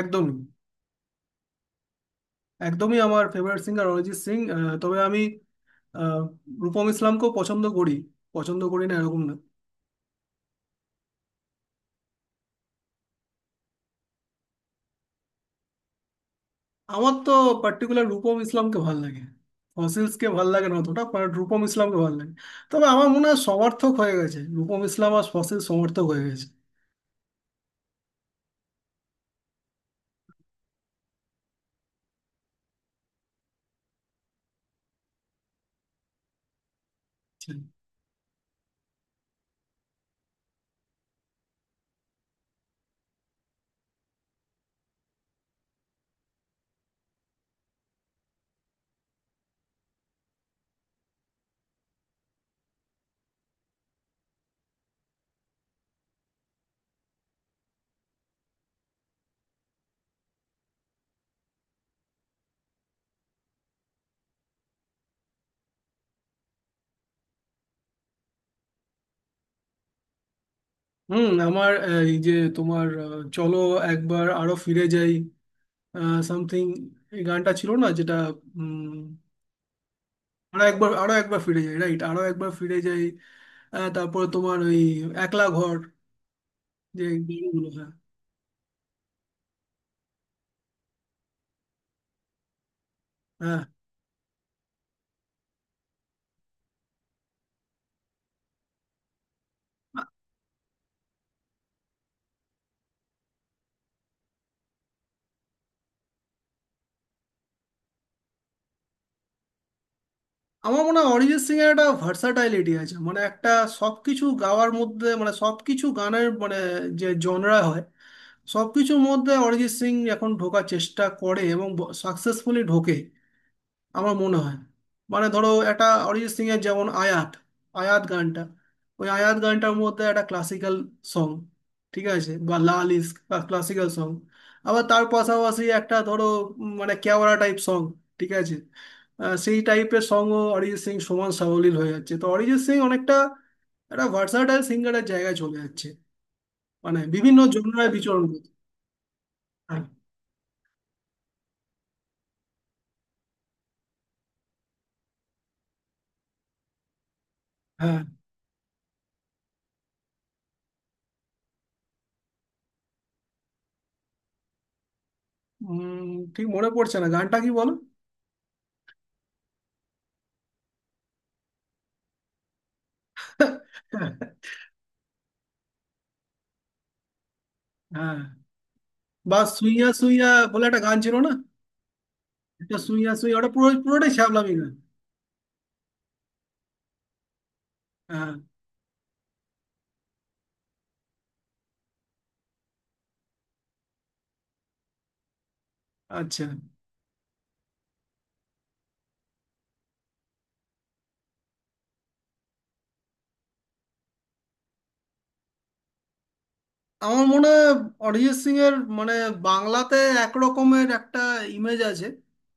একদমই। আমার favourite singer Arijit Singh. তবে আমি আহ, রূপম ইসলামকেও পছন্দ করি। পছন্দ করি না এরকম না। আমার তো পার্টিকুলার রূপম ইসলামকে ভাল লাগে। ফসিলসকে ভাল লাগে না অতটা, বাট রূপম ইসলামকে ভাল লাগে। তবে আমার মনে হয় সমর্থক হয়ে গেছে রূপম ইসলাম আর ফসিল সমর্থক হয়ে গেছে। হুম। আমার এই যে তোমার চলো একবার আরো ফিরে যাই, সামথিং, এই গানটা ছিল না যেটা? উম, আরো একবার, আরো একবার ফিরে যাই, রাইট, আরো একবার ফিরে যাই। হ্যাঁ, তারপরে তোমার ওই একলা ঘর যে গানগুলো। হ্যাঁ। হ্যাঁ। আ- আমার মনে হয় অরিজিৎ সিং এর একটা ভার্সাটাইলিটি আছে, মানে একটা সবকিছু গাওয়ার মধ্যে, মানে সবকিছু গানের মানে যে জনরা হয়, সবকিছুর মধ্যে অরিজিৎ সিং এখন ঢোকার চেষ্টা করে এবং সাকসেসফুলি ঢোকে, আমার মনে হয়। মানে ধরো একটা অরিজিৎ সিং এর যেমন আয়াত, আয়াত গানটা, ওই আয়াত গানটার মধ্যে একটা ক্লাসিক্যাল সং, ঠিক আছে, বা লাল ইস্ক বা ক্লাসিক্যাল সং। আবার তার পাশাপাশি একটা ধরো মানে ক্যাওড়া টাইপ সং, ঠিক আছে, সেই টাইপের সঙ্গও অরিজিৎ সিং সমান সাবলীল হয়ে যাচ্ছে। তো অরিজিৎ সিং অনেকটা একটা ভার্সাটাইল সিঙ্গারের জায়গায় চলে যাচ্ছে, মানে বিভিন্ন জনরায় বিচরণ করছে। হ্যাঁ। হ্যাঁ। উম, ঠিক মনে পড়ছে না, গানটা কি বলো? হ্যাঁ, বা সুইয়া সুইয়া বলে একটা গান ছিল না? এটা সুইয়া সুইয়া, ওটা পুরো পুরোটাই শ্যামলামি গান। হ্যাঁ। আচ্ছা। আমার মনে হয় অরিজিৎ সিং এর মানে বাংলাতে এক রকমের একটা ইমেজ আছে,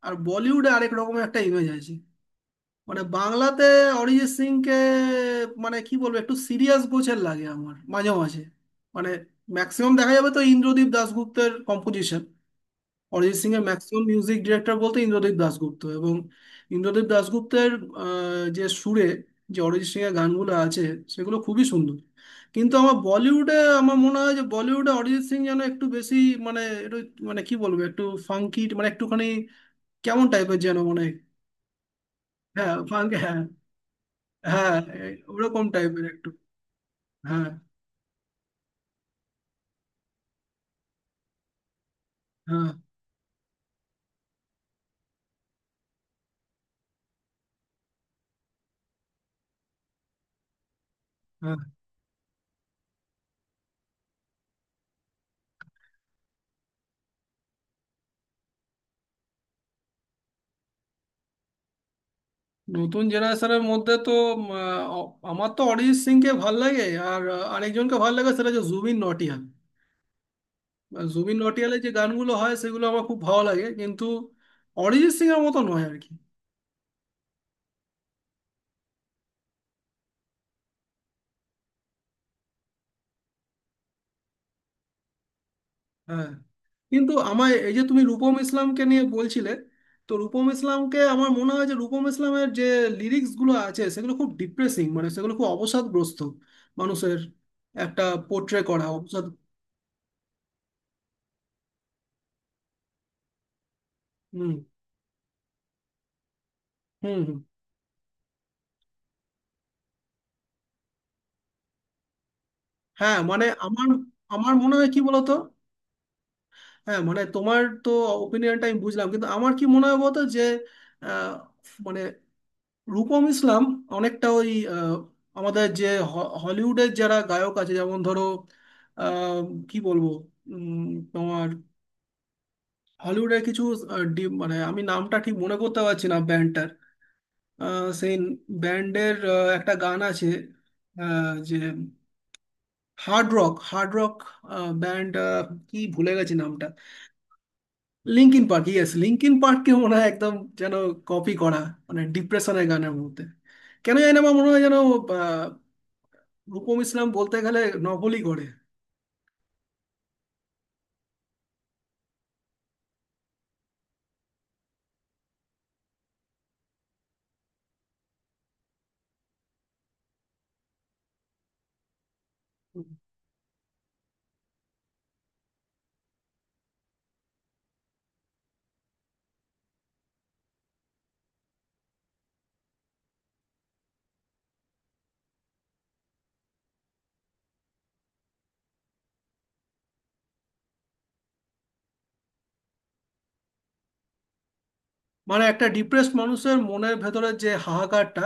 আর বলিউডে আরেক রকমের একটা ইমেজ আছে। মানে বাংলাতে অরিজিৎ সিং কে মানে কি বলবো, একটু সিরিয়াস গোছের লাগে আমার মাঝে মাঝে। মানে ম্যাক্সিমাম দেখা যাবে তো ইন্দ্রদীপ দাশগুপ্তের কম্পোজিশন। অরিজিৎ সিং এর ম্যাক্সিমাম মিউজিক ডিরেক্টর বলতে ইন্দ্রদীপ দাশগুপ্ত, এবং ইন্দ্রদীপ দাশগুপ্তের যে সুরে যে অরিজিৎ সিং এর গানগুলো আছে সেগুলো খুবই সুন্দর। কিন্তু আমার বলিউডে, আমার মনে হয় যে বলিউডে অরিজিৎ সিং যেন একটু বেশি মানে একটু মানে কি বলবো, একটু ফাঙ্কি মানে একটুখানি কেমন টাইপের যেন মানে। হ্যাঁ ফাঙ্কি, হ্যাঁ। হ্যাঁ, এই-- ওরকম টাইপের একটু। হ্যাঁ। হ্যাঁ। হ্যাঁ। নতুন জেনারেশনের মধ্যে তো উম, আহ, আমার তো অরিজিৎ সিংকে ভাল লাগে, আর আরেকজনকে ভাল লাগে সেটা হচ্ছে জুবিন নটিয়াল। জুবিন নটিয়ালের যে গানগুলো হয় সেগুলো আমার খুব ভালো লাগে, কিন্তু অরিজিৎ সিং এর মতো নয় আর কি। হ্যাঁ। কিন্তু আমার এই যে তুমি রূপম ইসলামকে নিয়ে বলছিলে, তো রূপম ইসলামকে আমার মনে হয় যে রূপম ইসলামের যে লিরিক্সগুলো আছে সেগুলো খুব ডিপ্রেসিং, মানে সেগুলো খুব অবসাদগ্রস্ত মানুষের একটা পোট্রে করা অবসাদ। হুম। হুম। হুম। হ্যাঁ মানে আমার, আমার মনে হয় কি বলতো। হ্যাঁ মানে তোমার তো ওপিনিয়নটা আমি বুঝলাম, কিন্তু আমার কি মনে হয় বলতো যে আহ, মানে রূপম ইসলাম অনেকটা ওই আহ, আমাদের যে হলিউডের যারা গায়ক আছে, যেমন ধরো আহ, কি বলবো উম, তোমার হলিউডের কিছু মানে আমি নামটা ঠিক মনে করতে পারছি না ব্যান্ডটার। সেই ব্যান্ডের একটা গান আছে যে hard rock, hard rock band, কি ভুলে গেছি নামটা। লিঙ্কিন পার্ক, ইয়েস, লিঙ্কিন পার্ককে মনে হয় একদম যেন কপি করা মানে ডিপ্রেশনের গানের মধ্যে। কেন জানি না আমার মনে হয় যেন রূপম ইসলাম বলতে গেলে নভেলই করে। মানে একটা ডিপ্রেসড মানুষের মনের ভেতরের যে হাহাকারটা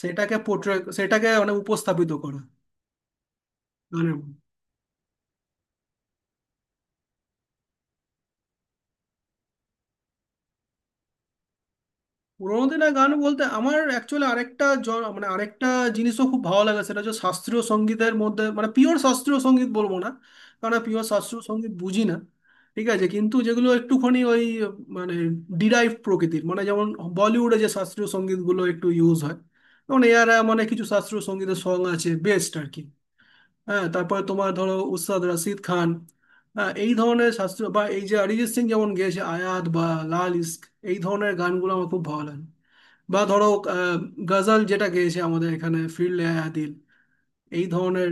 সেটাকে পোট্রে, সেটাকে মানে উপস্থাপিত করে গানের মধ্যে। পুরোনো দিনের গান বলতে আমার অ্যাকচুয়ালি আরেকটা, মানে আরেকটা জিনিসও খুব ভালো লাগে, সেটা হচ্ছে শাস্ত্রীয় সঙ্গীতের মধ্যে মানে পিওর শাস্ত্রীয় সঙ্গীত বলবো না, কারণ পিওর শাস্ত্রীয় সঙ্গীত বুঝি না, ঠিক আছে, কিন্তু যেগুলো একটুখানি ওই মানে ডিরাইভ প্রকৃতির, মানে যেমন বলিউডে যে শাস্ত্রীয় সঙ্গীতগুলো একটু ইউজ হয়, যেমন এরা মানে কিছু শাস্ত্রীয় সঙ্গীতের সং আছে বেস্ট আর কি। হ্যাঁ, তারপরে তোমার ধরো উস্তাদ রাশিদ খান, হ্যাঁ, এই ধরনের শাস্ত্রীয়, বা এই যে অরিজিৎ সিং যেমন গেয়েছে আয়াত বা লাল ইস্ক, এই ধরনের গানগুলো আমার খুব ভালো লাগে। বা ধরো আহ, গজাল যেটা গেয়েছে আমাদের এখানে ফিরলে আয়া দিল, এই ধরনের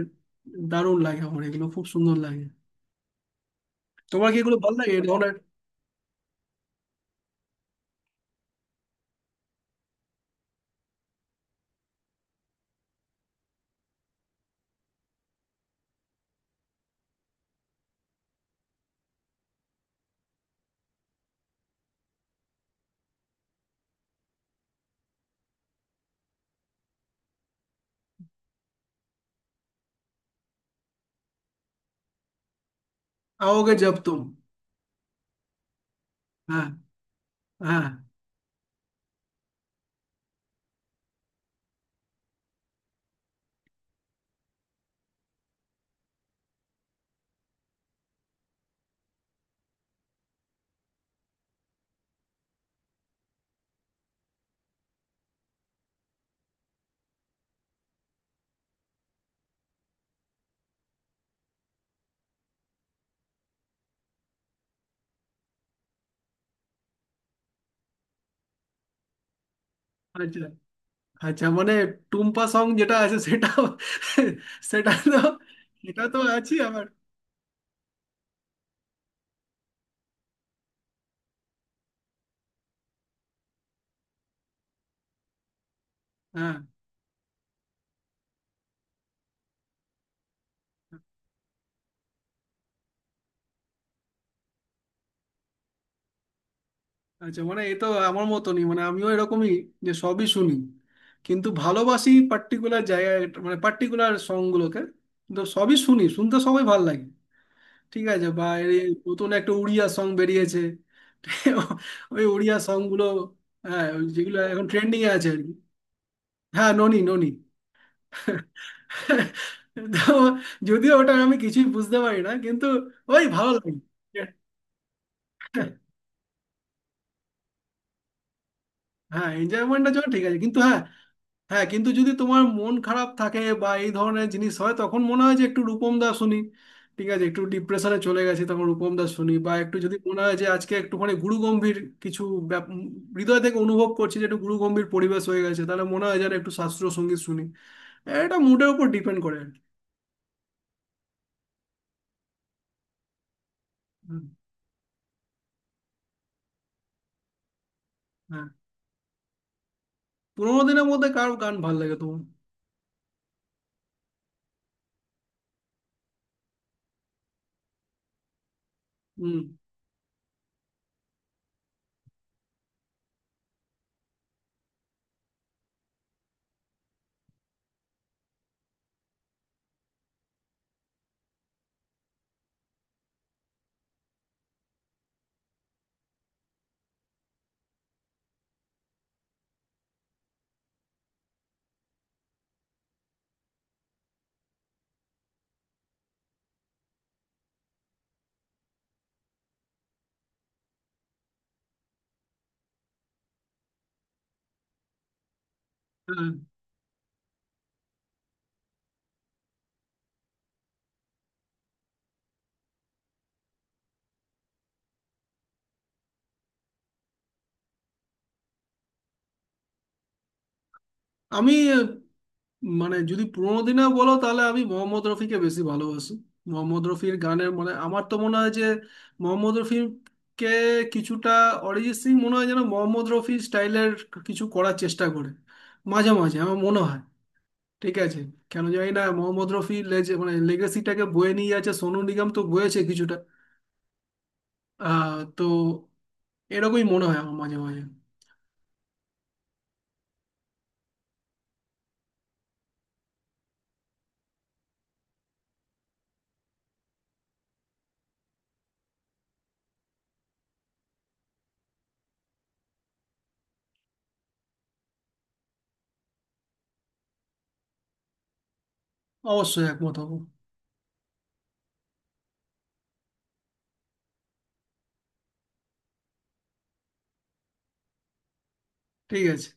দারুণ লাগে আমার, এগুলো খুব সুন্দর লাগে। তোমার কি এগুলো ভালো লাগে এই ধরনের आओगे जब तुम? হ্যাঁ। হ্যাঁ। আচ্ছা। আচ্ছা মানে টুম্পা সং যেটা আছে, সেটা সেটা তো, এটা তো আছি আবার। হ্যাঁ। আচ্ছা মানে এ তো আমার মতনই, মানে আমিও এরকমই যে সবই শুনি কিন্তু ভালোবাসি পার্টিকুলার জায়গায়, মানে পার্টিকুলার সংগুলোকে, কিন্তু সবই শুনি, শুনতে সবাই ভালো লাগে। ঠিক আছে বা এর এই নতুন একটা উড়িয়া সং বেরিয়েছে। ওই উড়িয়া সং গুলো, হ্যাঁ ওই যেগুলো এখন ট্রেন্ডিং এ আছে আর কি। হ্যাঁ ননি ননি। তো যদিও ওটা আমি কিছুই বুঝতে পারি না, কিন্তু ওই ভালো লাগে। হ্যাঁ এনজয়মেন্টটা জন্য ঠিক আছে কিন্তু, হ্যাঁ। হ্যাঁ, কিন্তু যদি তোমার মন খারাপ থাকে বা এই ধরনের জিনিস হয় তখন মনে হয় যে একটু রূপম দা শুনি, ঠিক আছে, একটু ডিপ্রেশনে চলে গেছি তখন রূপম দা শুনি, বা একটু যদি মনে হয় যে আজকে একটুখানি গুরু গম্ভীর কিছু ব্যাপ- উম, হৃদয় থেকে অনুভব করছি যে একটু গুরু গম্ভীর পরিবেশ হয়ে গেছে, তাহলে মনে হয় যেন একটু শাস্ত্রীয় সঙ্গীত শুনি। এটা মুডের উপর ডিপেন্ড করে। হুম। হ্যাঁ। পুরোনো দিনের মধ্যে কার গান ভালো লাগে তোমার? হুম। হ্যাঁ। আমি মানে যদি পুরোনো দিনে বলো তাহলে আমি মোহাম্মদ রফিকে বেশি ভালোবাসি। মোহাম্মদ রফির গানের মানে আমার তো মনে হয় যে মোহাম্মদ রফিকে কিছুটা অরিজিৎ সিং মনে হয় যেন মোহাম্মদ রফি স্টাইলের কিছু করার চেষ্টা করে মাঝে মাঝে, আমার মনে হয়, ঠিক আছে। কেন জানি না মোহাম্মদ রফি লেজে মানে লেগেসিটাকে বয়ে নিয়ে যাচ্ছে, সোনু নিগম তো বয়েছে কিছুটা, আহ তো এরকমই মনে হয় আমার মাঝে মাঝে। অবশ্যই একমত হবো। ঠিক আছে।